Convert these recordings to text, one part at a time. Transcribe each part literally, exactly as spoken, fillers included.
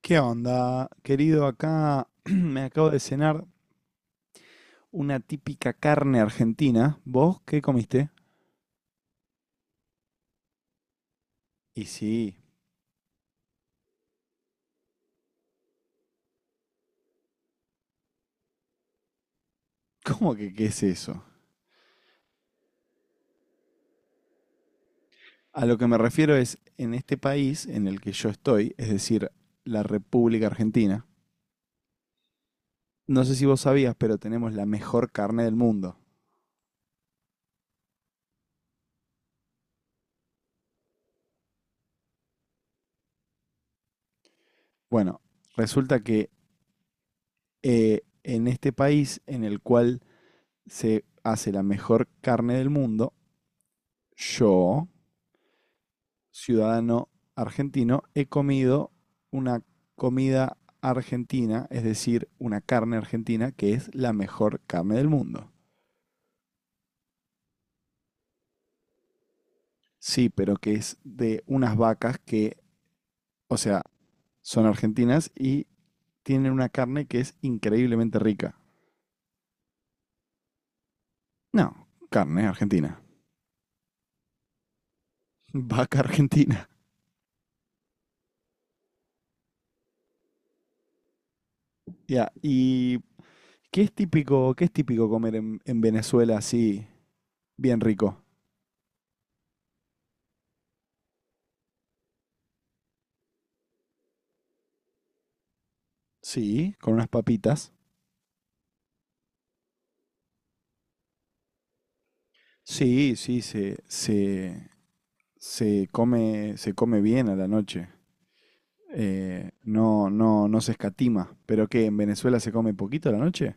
¿Qué onda, querido? Acá me acabo de cenar una típica carne argentina. ¿Vos qué comiste? Y sí, ¿cómo que qué es eso? A lo que me refiero es, en este país en el que yo estoy, es decir, la República Argentina, no sé si vos sabías, pero tenemos la mejor carne del mundo. Bueno, resulta que eh, en este país en el cual se hace la mejor carne del mundo, yo ciudadano argentino, he comido una comida argentina, es decir, una carne argentina que es la mejor carne del mundo. Sí, pero que es de unas vacas que, o sea, son argentinas y tienen una carne que es increíblemente rica. No, carne argentina. Vaca argentina. Ya, ¿y qué es típico, qué es típico comer en, en Venezuela así, bien rico? Sí, con unas papitas. Sí, sí, se, se, se come, se come bien a la noche. Eh, no, no, no se escatima. ¿Pero qué? ¿En Venezuela se come poquito a la noche?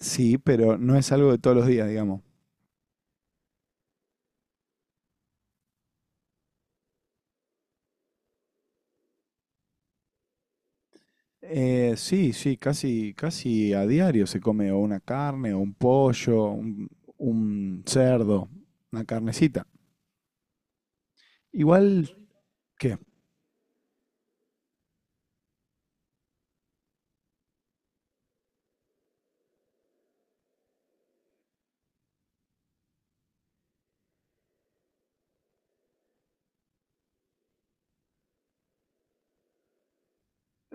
Sí, pero no es algo de todos los días, digamos. Eh, sí, sí, casi, casi a diario se come o una carne, o un pollo, un, un cerdo, una carnecita. Igual qué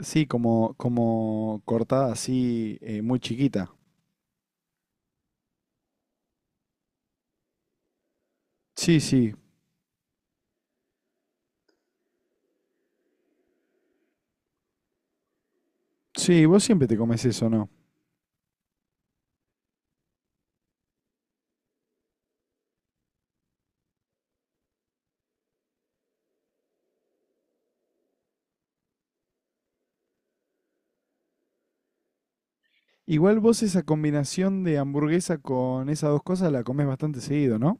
sí, como, como cortada así, eh, muy chiquita. Sí, sí, sí, vos siempre te comes eso, ¿no? Igual vos esa combinación de hamburguesa con esas dos cosas la comés bastante seguido, ¿no?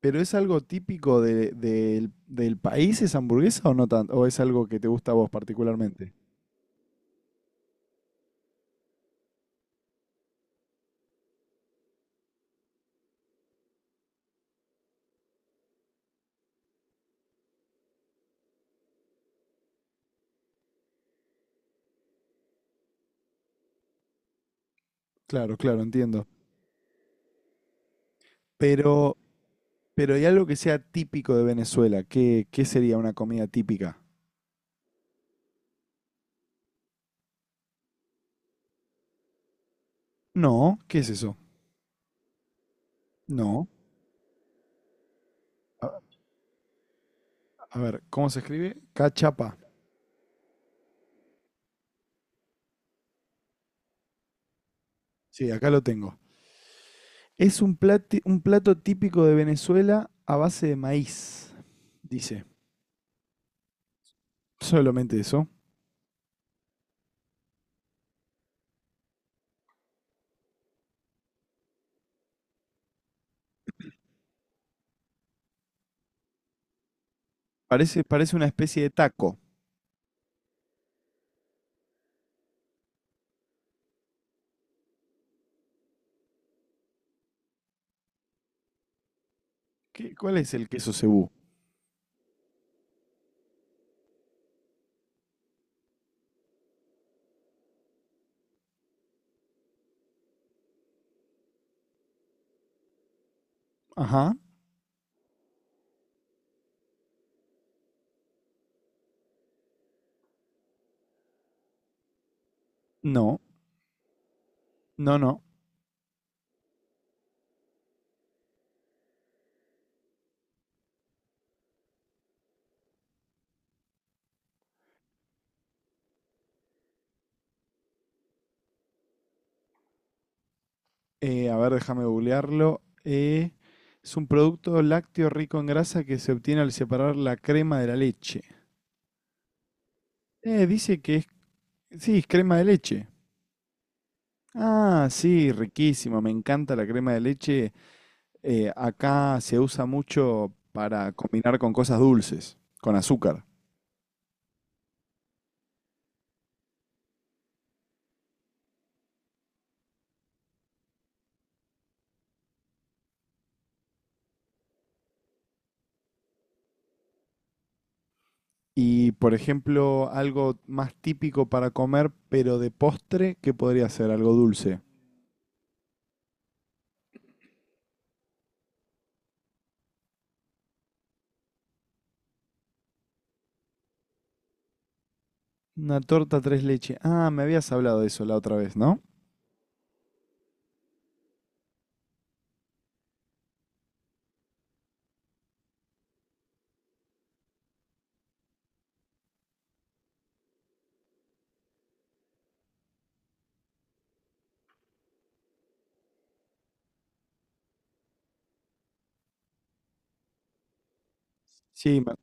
¿Pero es algo típico de- del del país esa hamburguesa o no tanto? ¿O es algo que te gusta a vos particularmente? Claro, claro, entiendo. Pero, pero hay algo que sea típico de Venezuela. ¿Qué, qué sería una comida típica? No, ¿qué es eso? No. A, a ver, ¿cómo se escribe? Cachapa. Sí, acá lo tengo. Es un plati- un plato típico de Venezuela a base de maíz, dice. Solamente eso. Parece, parece una especie de taco. ¿Qué, cuál es el queso cebú? Ajá. No, no, no. Eh, a ver, déjame googlearlo. Eh, es un producto lácteo rico en grasa que se obtiene al separar la crema de la leche. Eh, dice que es... Sí, es crema de leche. Ah, sí, riquísimo. Me encanta la crema de leche. Eh, acá se usa mucho para combinar con cosas dulces, con azúcar. Y, por ejemplo, algo más típico para comer, pero de postre, ¿qué podría ser? Algo dulce. Una torta tres leche. Ah, me habías hablado de eso la otra vez, ¿no? Sí, me,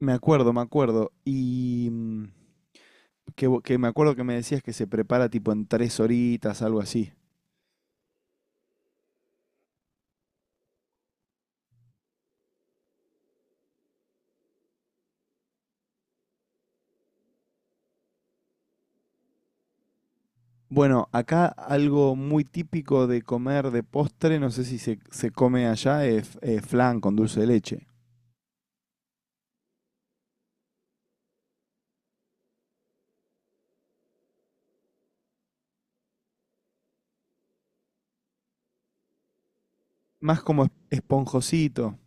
me acuerdo, me acuerdo. Y mm, que, vo- que me acuerdo que me decías que se prepara tipo en tres horitas, algo así. Bueno, acá algo muy típico de comer de postre, no sé si se, se come allá, es eh, flan con dulce de leche. Más como es- esponjosito.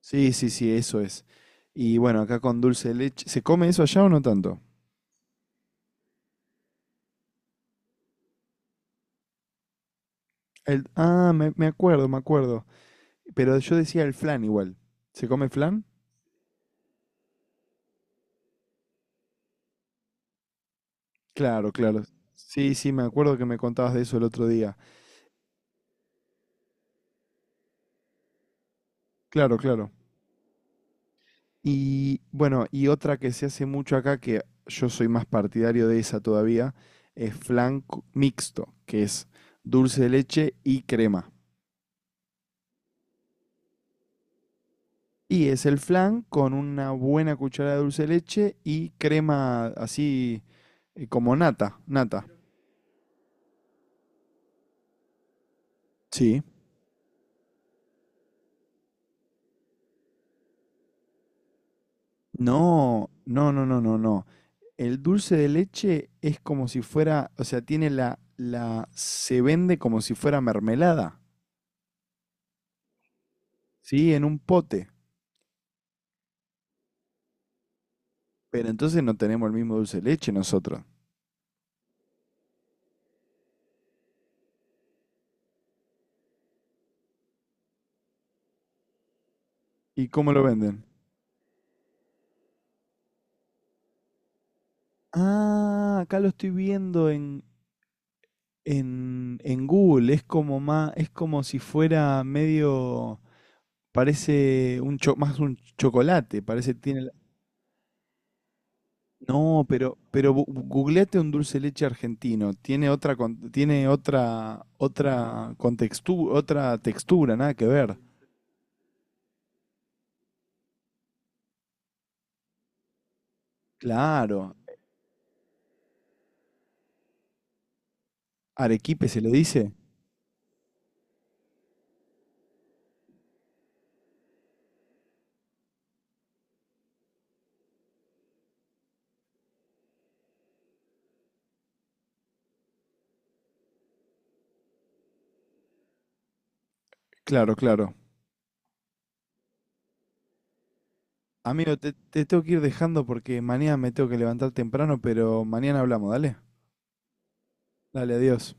Sí, sí, sí, eso es. Y bueno, acá con dulce de leche. ¿Se come eso allá o no tanto? El, ah, me, me acuerdo, me acuerdo. Pero yo decía el flan igual. ¿Se come flan? Claro, claro. Sí, sí, me acuerdo que me contabas de eso el otro día. Claro, claro. Y bueno, y otra que se hace mucho acá, que yo soy más partidario de esa todavía, es flan co- mixto, que es dulce de leche y crema. Y es el flan con una buena cucharada de dulce de leche y crema así eh, como nata, nata. Sí. No, no, no, no, no, no. El dulce de leche es como si fuera, o sea, tiene la, la, se vende como si fuera mermelada, ¿sí? En un pote. Pero entonces no tenemos el mismo dulce de leche nosotros. ¿Y cómo lo venden? Ah, acá lo estoy viendo en, en, en Google. Es como más, es como si fuera medio. Parece un cho- más un chocolate, parece tiene la- no, pero pero bu- bu- googleate un dulce de leche argentino, tiene otra con- tiene otra otra contextu- otra textura, nada que ver. Claro. Arequipe se le dice. Claro, claro. Amigo, te, te tengo que ir dejando porque mañana me tengo que levantar temprano, pero mañana hablamos, dale. Dale, adiós.